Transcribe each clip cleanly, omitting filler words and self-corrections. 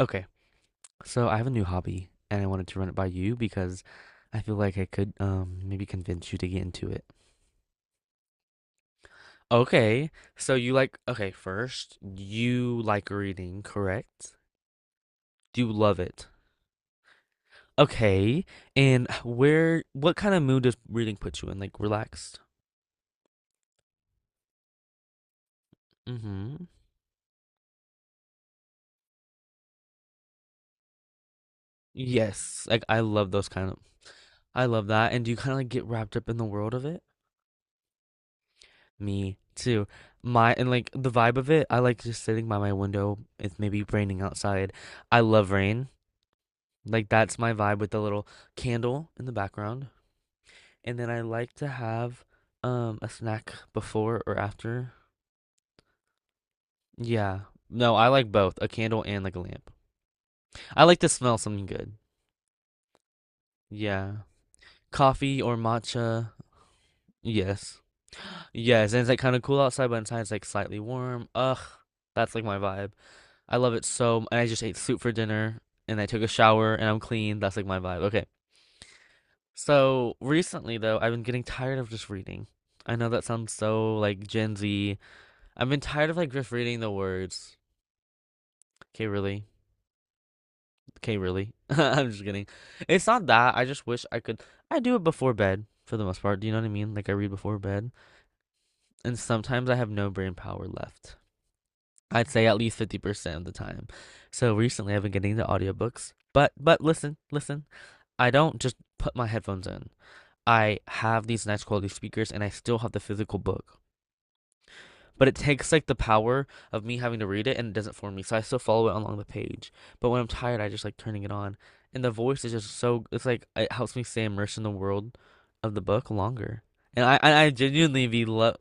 Okay, so I have a new hobby and I wanted to run it by you because I feel like I could maybe convince you to get into it. Okay, first, you like reading, correct? Do you love it? Okay, and where what kind of mood does reading put you in? Like relaxed? Mm-hmm. Yes, like I love those kind of. I love that. And do you kind of like get wrapped up in the world of it? Me too. My and like the vibe of it, I like just sitting by my window. It's maybe raining outside. I love rain. Like that's my vibe with the little candle in the background. And then I like to have a snack before or after. Yeah. No, I like both, a candle and like a lamp. I like to smell something good. Yeah. Coffee or matcha. Yes. Yes, and it's like kind of cool outside, but inside it's like slightly warm. Ugh, that's like my vibe. I love it so. And I just ate soup for dinner, and I took a shower, and I'm clean. That's like my vibe. Okay. So recently, though, I've been getting tired of just reading. I know that sounds so like Gen Z. I've been tired of like just reading the words. Okay, really? Okay, really? I'm just kidding. It's not that. I just wish I could. I do it before bed for the most part. Do you know what I mean? Like I read before bed, and sometimes I have no brain power left. I'd say at least 50% of the time. So recently I've been getting the audiobooks. But listen, listen. I don't just put my headphones in. I have these nice quality speakers and I still have the physical book. But it takes like the power of me having to read it and it doesn't for me. So I still follow it along the page. But when I'm tired, I just like turning it on. And the voice is just so, it's like it helps me stay immersed in the world of the book longer. And I genuinely be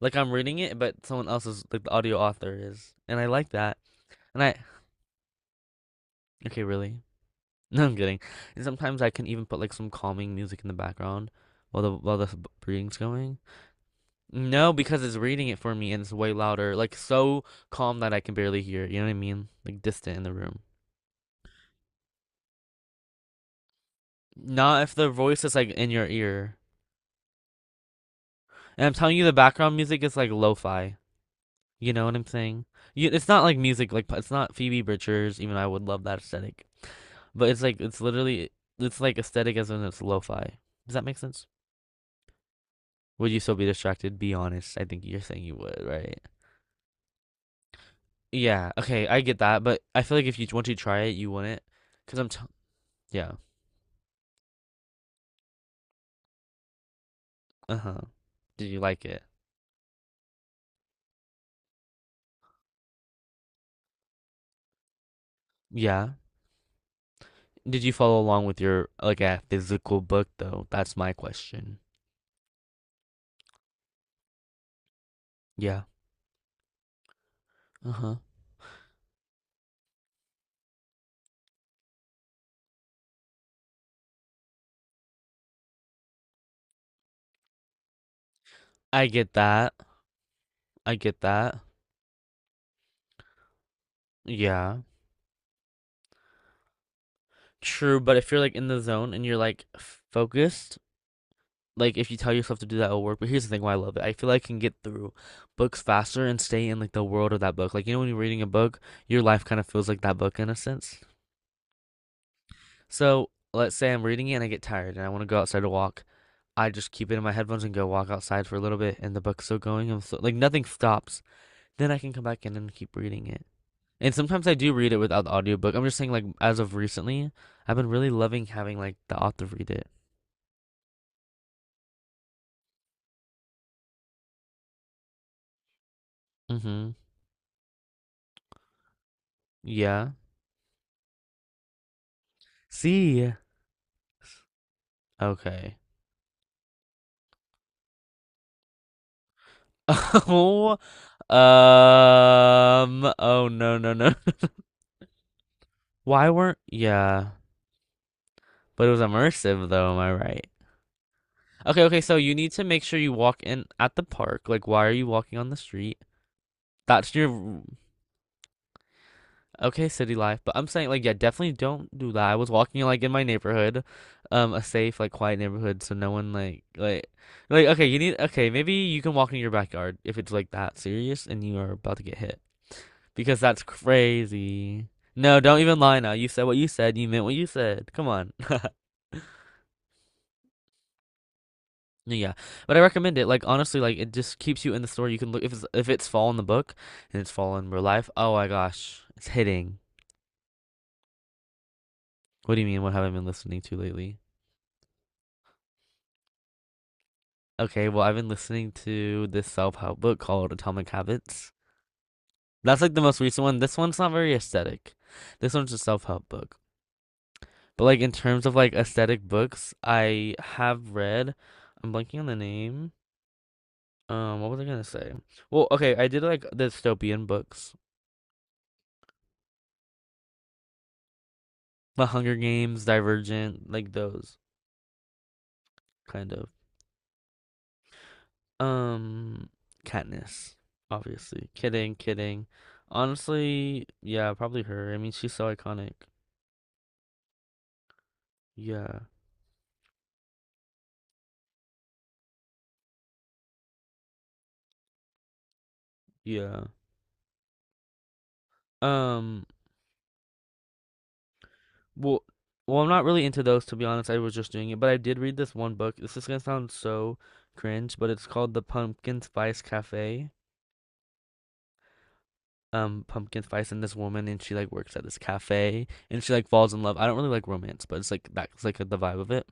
like I'm reading it, but someone else is like the audio author is. And I like that. And I, okay, really. No, I'm kidding. And sometimes I can even put like some calming music in the background while the reading's going. No, because it's reading it for me and it's way louder, like so calm that I can barely hear it. You know what I mean? Like distant in the room. Not if the voice is like in your ear. And I'm telling you, the background music is like lo-fi. You know what I'm saying? It's not like music, like it's not Phoebe Bridgers. Even though I would love that aesthetic, but it's like, it's literally, it's like aesthetic as in it's lo-fi. Does that make sense? Would you still be distracted? Be honest. I think you're saying you would, right? Yeah. Okay, I get that, but I feel like if you once you try it, you wouldn't. Cause I'm t- yeah. Uh huh. Did you like it? Yeah. Did you follow along with your like a physical book though? That's my question. Yeah. Uh huh. I get that. I get that. Yeah. True, but if you're like in the zone and you're like focused, like if you tell yourself to do that, it'll work. But here's the thing why I love it. I feel like I can get through books faster and stay in like the world of that book. Like you know when you're reading a book, your life kind of feels like that book in a sense. So let's say I'm reading it and I get tired and I want to go outside to walk. I just keep it in my headphones and go walk outside for a little bit, and the book's still going. I'm still, like nothing stops. Then I can come back in and keep reading it. And sometimes I do read it without the audiobook. I'm just saying, like as of recently, I've been really loving having like the author read it. Mm-hmm. Yeah. See. Okay. Oh, oh no, no, no. Why weren't, yeah, but it was immersive though, am I right? Okay, okay, so you need to make sure you walk in at the park. Like, why are you walking on the street? That's your, okay, city life. But I'm saying, like, yeah, definitely don't do that. I was walking, like, in my neighborhood, a safe, like, quiet neighborhood, so no one, like, okay, you need, okay, maybe you can walk in your backyard if it's, like, that serious and you are about to get hit. Because that's crazy. No, don't even lie now. You said what you said. You meant what you said. Come on. Yeah, but I recommend it. Like honestly, like it just keeps you in the story. You can look if it's fall in the book and it's fall in real life. Oh my gosh, it's hitting. What do you mean? What have I been listening to lately? Okay, well I've been listening to this self help book called Atomic Habits. That's like the most recent one. This one's not very aesthetic. This one's a self help book. But like in terms of like aesthetic books, I have read. I'm blanking on the name. What was I gonna say? Well, okay, I did like dystopian books, The Hunger Games, Divergent, like those kind of. Um, Katniss, obviously. Kidding, kidding. Honestly, yeah, probably her. I mean, she's so iconic. Yeah, yeah. Um, well, well, I'm not really into those to be honest. I was just doing it, but I did read this one book. This is gonna sound so cringe, but it's called The Pumpkin Spice Cafe. Pumpkin spice, and this woman, and she like works at this cafe and she like falls in love. I don't really like romance, but it's like that's like the vibe of it.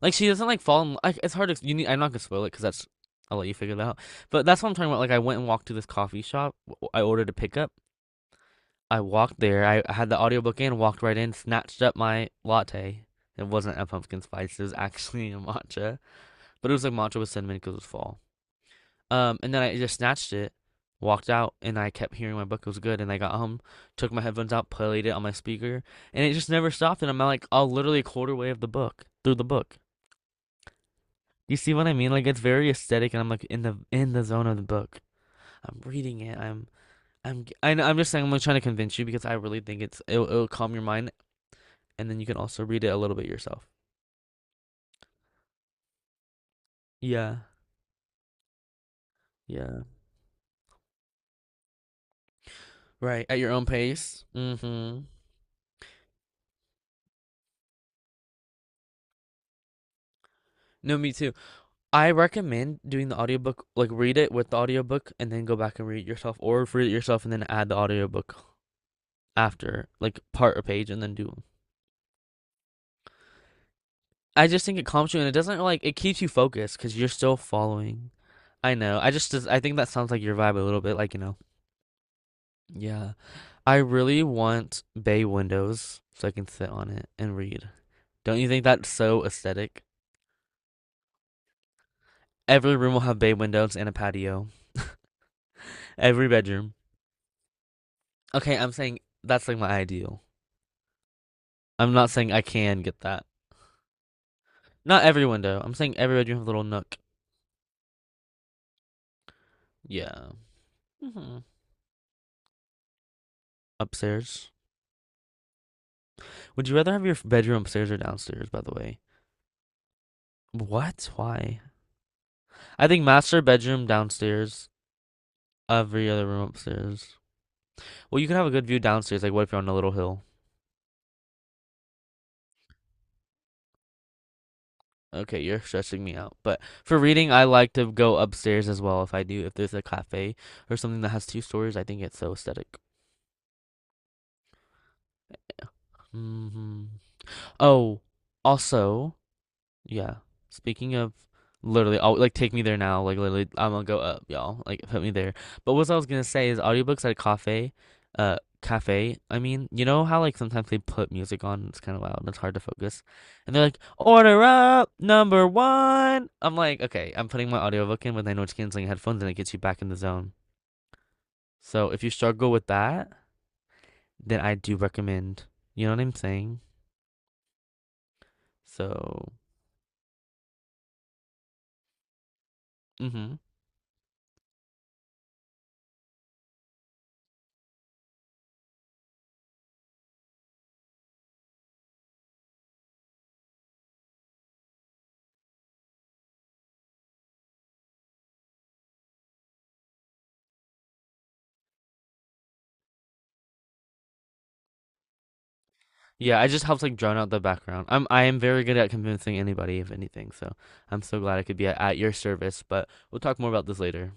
Like she doesn't like fall in, like it's hard to, you need, I'm not gonna spoil it, because that's, I'll let you figure it out. But that's what I'm talking about, like I went and walked to this coffee shop. I ordered a pickup. I walked there. I had the audiobook in, walked right in, snatched up my latte. It wasn't a pumpkin spice, it was actually a matcha. But it was like matcha with cinnamon because it was fall. And then I just snatched it, walked out, and I kept hearing my book was good. And I got home, took my headphones out, played it on my speaker, and it just never stopped. And I'm like, all literally a quarter way of the book through the book. You see what I mean? Like it's very aesthetic, and I'm like in the zone of the book. I'm reading it. I'm I know, I'm just saying I'm like trying to convince you because I really think it'll calm your mind, and then you can also read it a little bit yourself. Yeah, yeah, right at your own pace. Mm-hmm. No, me too. I recommend doing the audiobook, like read it with the audiobook and then go back and read it yourself, or read it yourself and then add the audiobook after, like part a page and then do them. I just think it calms you and it doesn't like it keeps you focused because you're still following. I know. I just I think that sounds like your vibe a little bit, like you know. Yeah, I really want bay windows so I can sit on it and read. Don't you think that's so aesthetic? Every room will have bay windows and a patio. Every bedroom. Okay, I'm saying that's like my ideal. I'm not saying I can get that. Not every window. I'm saying every bedroom have a little nook. Yeah. Hmm. Upstairs. Would you rather have your bedroom upstairs or downstairs? By the way, what? Why? I think master bedroom downstairs. Every other room upstairs. Well, you can have a good view downstairs. Like, what if you're on a little hill? Okay, you're stressing me out. But for reading, I like to go upstairs as well. If I do, if there's a cafe or something that has two stories, I think it's so aesthetic. Hmm. Oh, also, yeah. Speaking of literally, oh, like take me there now. Like literally, I'm gonna go up, y'all. Like put me there. But what I was gonna say is audiobooks at a cafe. I mean, you know how like sometimes they put music on. It's kind of loud, and it's hard to focus. And they're like, "Order up, number one." I'm like, okay, I'm putting my audiobook in with I know it's canceling headphones, and it gets you back in the zone. So if you struggle with that, then I do recommend. You know what I'm saying? So, mm-hmm. Yeah, I just helped like drown out the background. I am very good at convincing anybody of anything, so I'm so glad I could be at your service. But we'll talk more about this later.